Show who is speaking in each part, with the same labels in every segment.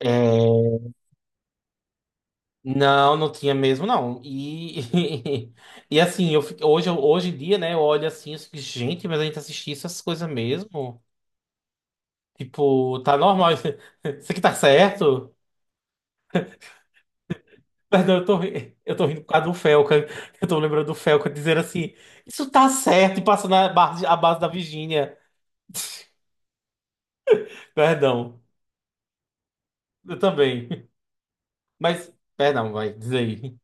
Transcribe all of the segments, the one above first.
Speaker 1: É, não, não tinha mesmo, não. E, e assim, hoje, hoje em dia, né, eu olho assim, eu fico, gente, mas a gente assistia essas coisas mesmo? Tipo, tá normal, isso aqui tá certo? Perdão, eu tô rindo por causa do Felca. Eu tô lembrando do Felca dizer assim, isso tá certo, e passando a base da Virgínia. Perdão, eu também. Mas, perdão, vai, diz aí.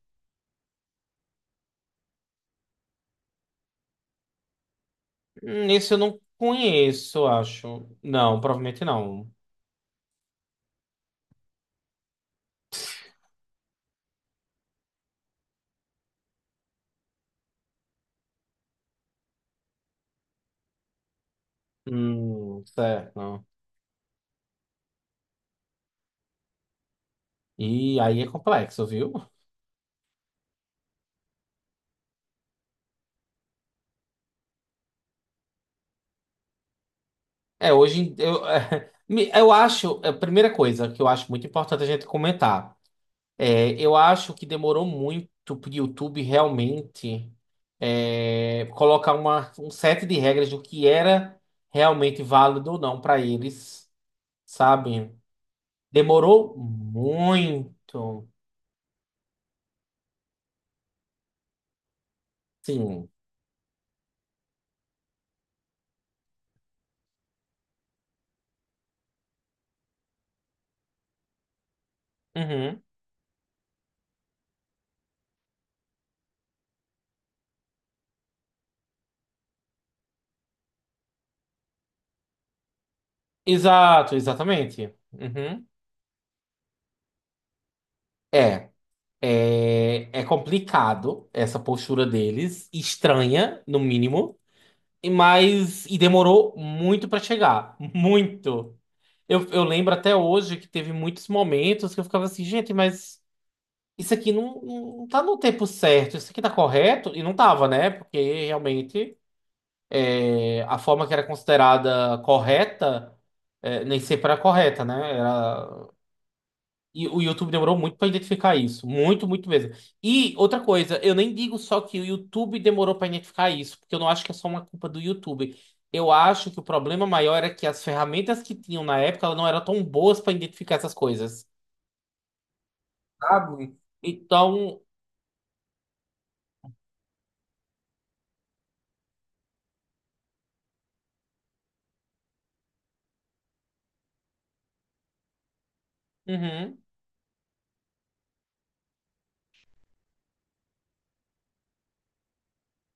Speaker 1: Esse eu não conheço, eu acho. Não, provavelmente não. Certo. E aí é complexo, viu? Eu, eu acho, a primeira coisa que eu acho muito importante a gente comentar, eu acho que demorou muito pro YouTube realmente colocar uma, um set de regras do que era realmente válido ou não para eles, sabe? Demorou muito. Sim. Uhum. Exato, exatamente. Uhum. É. É, é complicado essa postura deles, estranha, no mínimo, e demorou muito pra chegar, muito. Eu lembro até hoje que teve muitos momentos que eu ficava assim, gente, mas isso aqui não, não tá no tempo certo, isso aqui tá correto? E não tava, né? Porque realmente a forma que era considerada correta, nem sempre era correta, né? Era. E o YouTube demorou muito para identificar isso. Muito, muito mesmo. E outra coisa, eu nem digo só que o YouTube demorou para identificar isso, porque eu não acho que é só uma culpa do YouTube. Eu acho que o problema maior era que as ferramentas que tinham na época elas não eram tão boas para identificar essas coisas. Sabe? Então, uhum,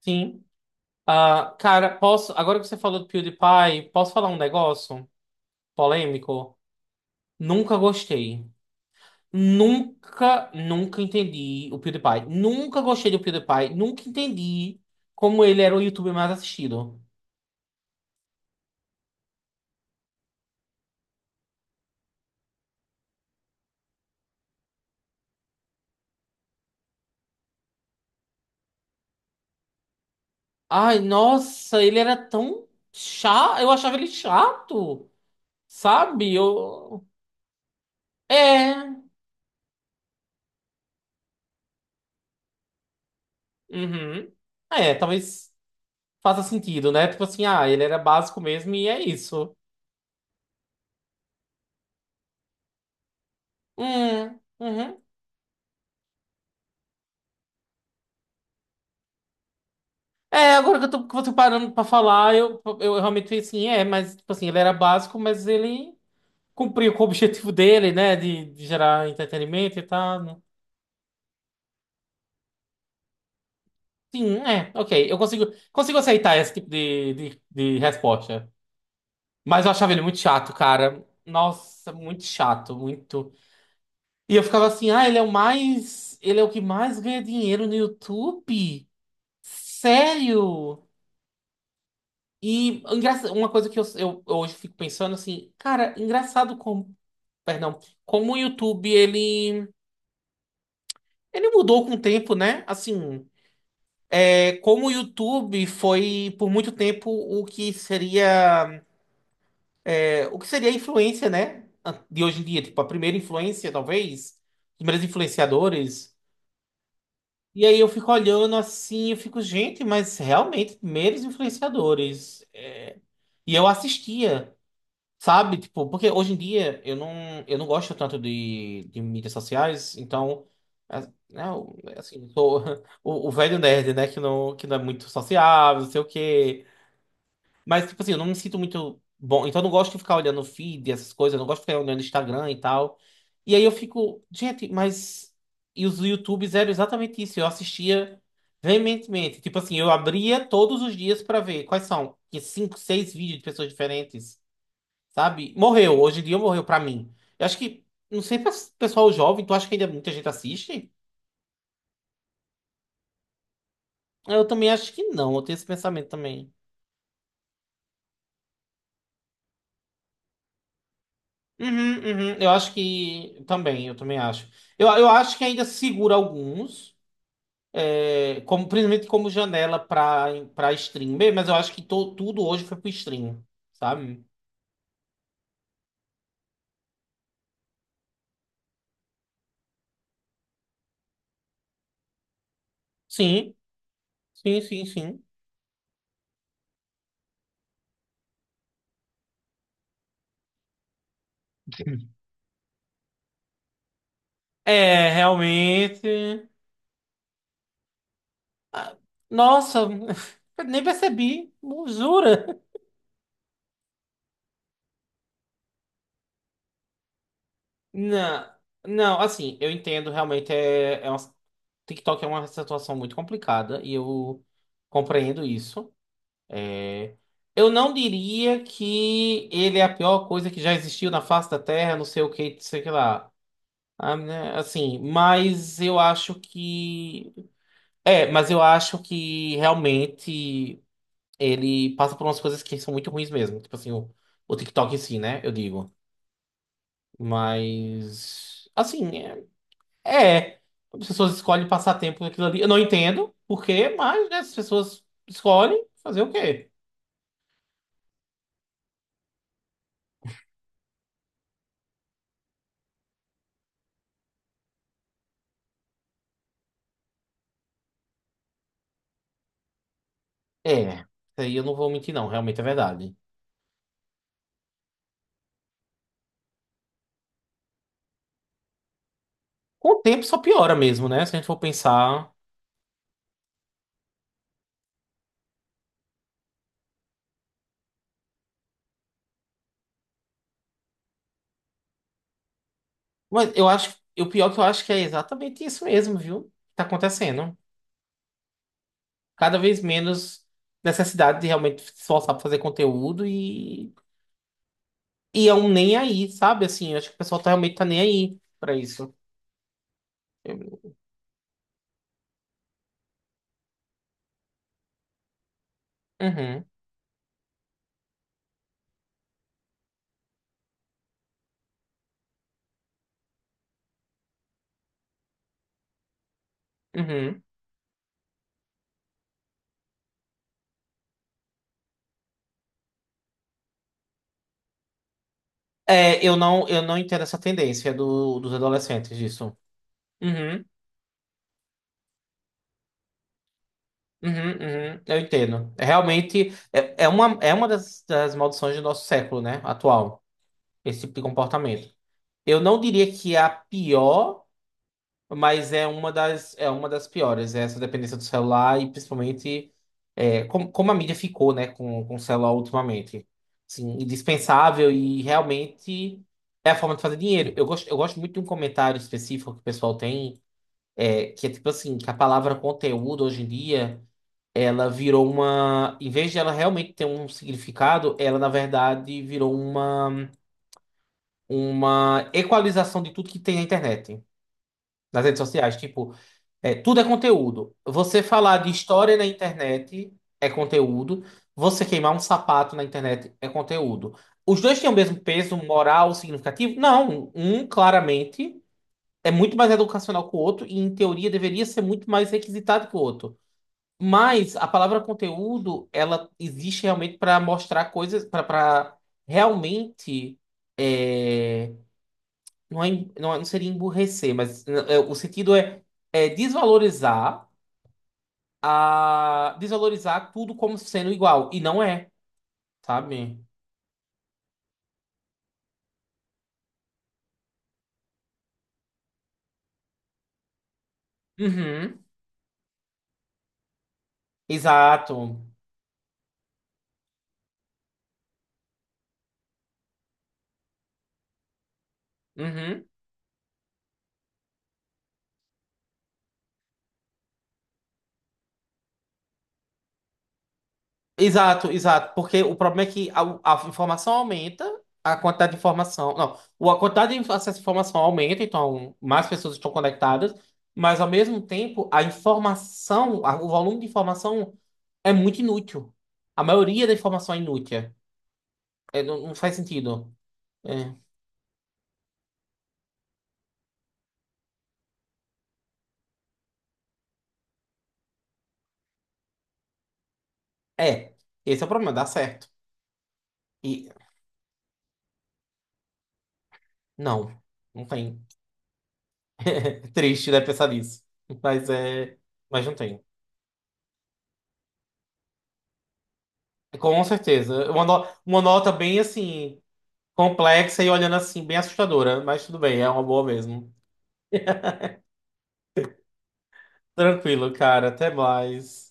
Speaker 1: sim. Ah, cara, posso. Agora que você falou do PewDiePie, posso falar um negócio polêmico? Nunca gostei. Nunca, nunca entendi o PewDiePie. Nunca gostei do PewDiePie. Nunca entendi como ele era o YouTuber mais assistido. Ai, nossa, ele era tão chato. Eu achava ele chato, sabe? Eu... É. Uhum. É, talvez faça sentido, né? Tipo assim, ah, ele era básico mesmo e é isso. Uhum. É, agora que eu tô parando pra falar, eu realmente fiquei assim, é, mas, tipo assim, ele era básico, mas ele cumpriu com o objetivo dele, né? De gerar entretenimento e tal. Né? Sim, é, ok. Eu consigo, consigo aceitar esse tipo de resposta. Mas eu achava ele muito chato, cara. Nossa, muito chato, muito. E eu ficava assim, ah, ele é o mais. Ele é o que mais ganha dinheiro no YouTube? Sério? E uma coisa que eu hoje fico pensando assim, cara, engraçado como. Perdão, como o YouTube ele. Ele mudou com o tempo, né? Assim. Como o YouTube foi por muito tempo o que seria o que seria a influência, né? De hoje em dia, tipo, a primeira influência, talvez, os primeiros influenciadores. E aí eu fico olhando assim, eu fico, gente, mas realmente, primeiros influenciadores. E eu assistia, sabe? Tipo, porque hoje em dia eu não gosto tanto de mídias sociais, então, é, né, assim, eu sou o velho nerd, né? Que não é muito sociável, não sei o quê. Mas, tipo assim, eu não me sinto muito bom. Então, eu não gosto de ficar olhando feed, essas coisas. Eu não gosto de ficar olhando Instagram e tal. E aí eu fico, gente, mas. E os YouTubes eram exatamente isso. Eu assistia veementemente. Tipo assim, eu abria todos os dias pra ver quais são. Tinha cinco, seis vídeos de pessoas diferentes, sabe? Morreu. Hoje em dia morreu pra mim. Eu acho que. Não sei, pra pessoal jovem, tu acha que ainda muita gente assiste? Eu também acho que não. Eu tenho esse pensamento também. Uhum, uhum. Eu acho que também, eu também acho. Eu acho que ainda segura alguns, como, principalmente como janela para stream, bem mas eu acho que tudo hoje foi pro stream, sabe? Sim, sim, sim, sim. É, realmente. Ah, nossa, eu nem percebi, jura? Não, não, assim, eu entendo, realmente é, é uma... TikTok é uma situação muito complicada e eu compreendo isso. Eu não diria que ele é a pior coisa que já existiu na face da Terra, não sei o que, não sei o que lá. Ah, né, assim, mas eu acho que. É, mas eu acho que realmente ele passa por umas coisas que são muito ruins mesmo. Tipo assim, o TikTok em si, né? Eu digo. Mas. Assim, é. É. As pessoas escolhem passar tempo naquilo ali. Eu não entendo por quê, mas, né, as pessoas escolhem fazer o quê? É. Isso aí eu não vou mentir, não. Realmente é verdade. Com o tempo só piora mesmo, né? Se a gente for pensar. Mas eu acho. O pior que eu acho que é exatamente isso mesmo, viu? Que tá acontecendo. Cada vez menos necessidade de realmente se esforçar pra fazer conteúdo e. E é um nem aí, sabe? Assim, eu acho que o pessoal tá, realmente tá nem aí pra isso. Uhum, uhum. É, eu não entendo essa tendência do, dos adolescentes disso. Uhum. Uhum, uhum, eu entendo. É realmente é, é uma das, das maldições do nosso século, né? Atual. Esse tipo de comportamento. Eu não diria que é a pior, mas é uma das piores, é essa dependência do celular e principalmente como, como a mídia ficou, né, com o celular ultimamente. Assim, indispensável e realmente é a forma de fazer dinheiro. Eu gosto muito de um comentário específico que o pessoal tem, que é tipo assim, que a palavra conteúdo hoje em dia, ela virou uma... Em vez de ela realmente ter um significado, ela na verdade virou uma equalização de tudo que tem na internet, nas redes sociais. Tipo, é, tudo é conteúdo. Você falar de história na internet é conteúdo. Você queimar um sapato na internet é conteúdo. Os dois têm o mesmo peso moral significativo? Não. Um, claramente, é muito mais educacional que o outro e, em teoria, deveria ser muito mais requisitado que o outro. Mas a palavra conteúdo, ela existe realmente para mostrar coisas, para realmente. é, não, é, não, não seria emburrecer, mas é, o sentido é, é desvalorizar a desvalorizar tudo como sendo igual. E não é, sabe? Uhum. Exato. Uhum. Exato, exato. Porque o problema é que a informação aumenta, a quantidade de informação. Não, a quantidade de acesso à informação aumenta, então mais pessoas estão conectadas, mas ao mesmo tempo a informação, o volume de informação é muito inútil. A maioria da informação é inútil. É, não, não faz sentido. É. É. Esse é o problema, dá certo. E não, não tem. É triste, né, pensar nisso. Mas é. Mas não tem. Com certeza. Uma, uma nota bem assim, complexa e olhando assim, bem assustadora. Mas tudo bem, é uma boa mesmo. Tranquilo, cara. Até mais.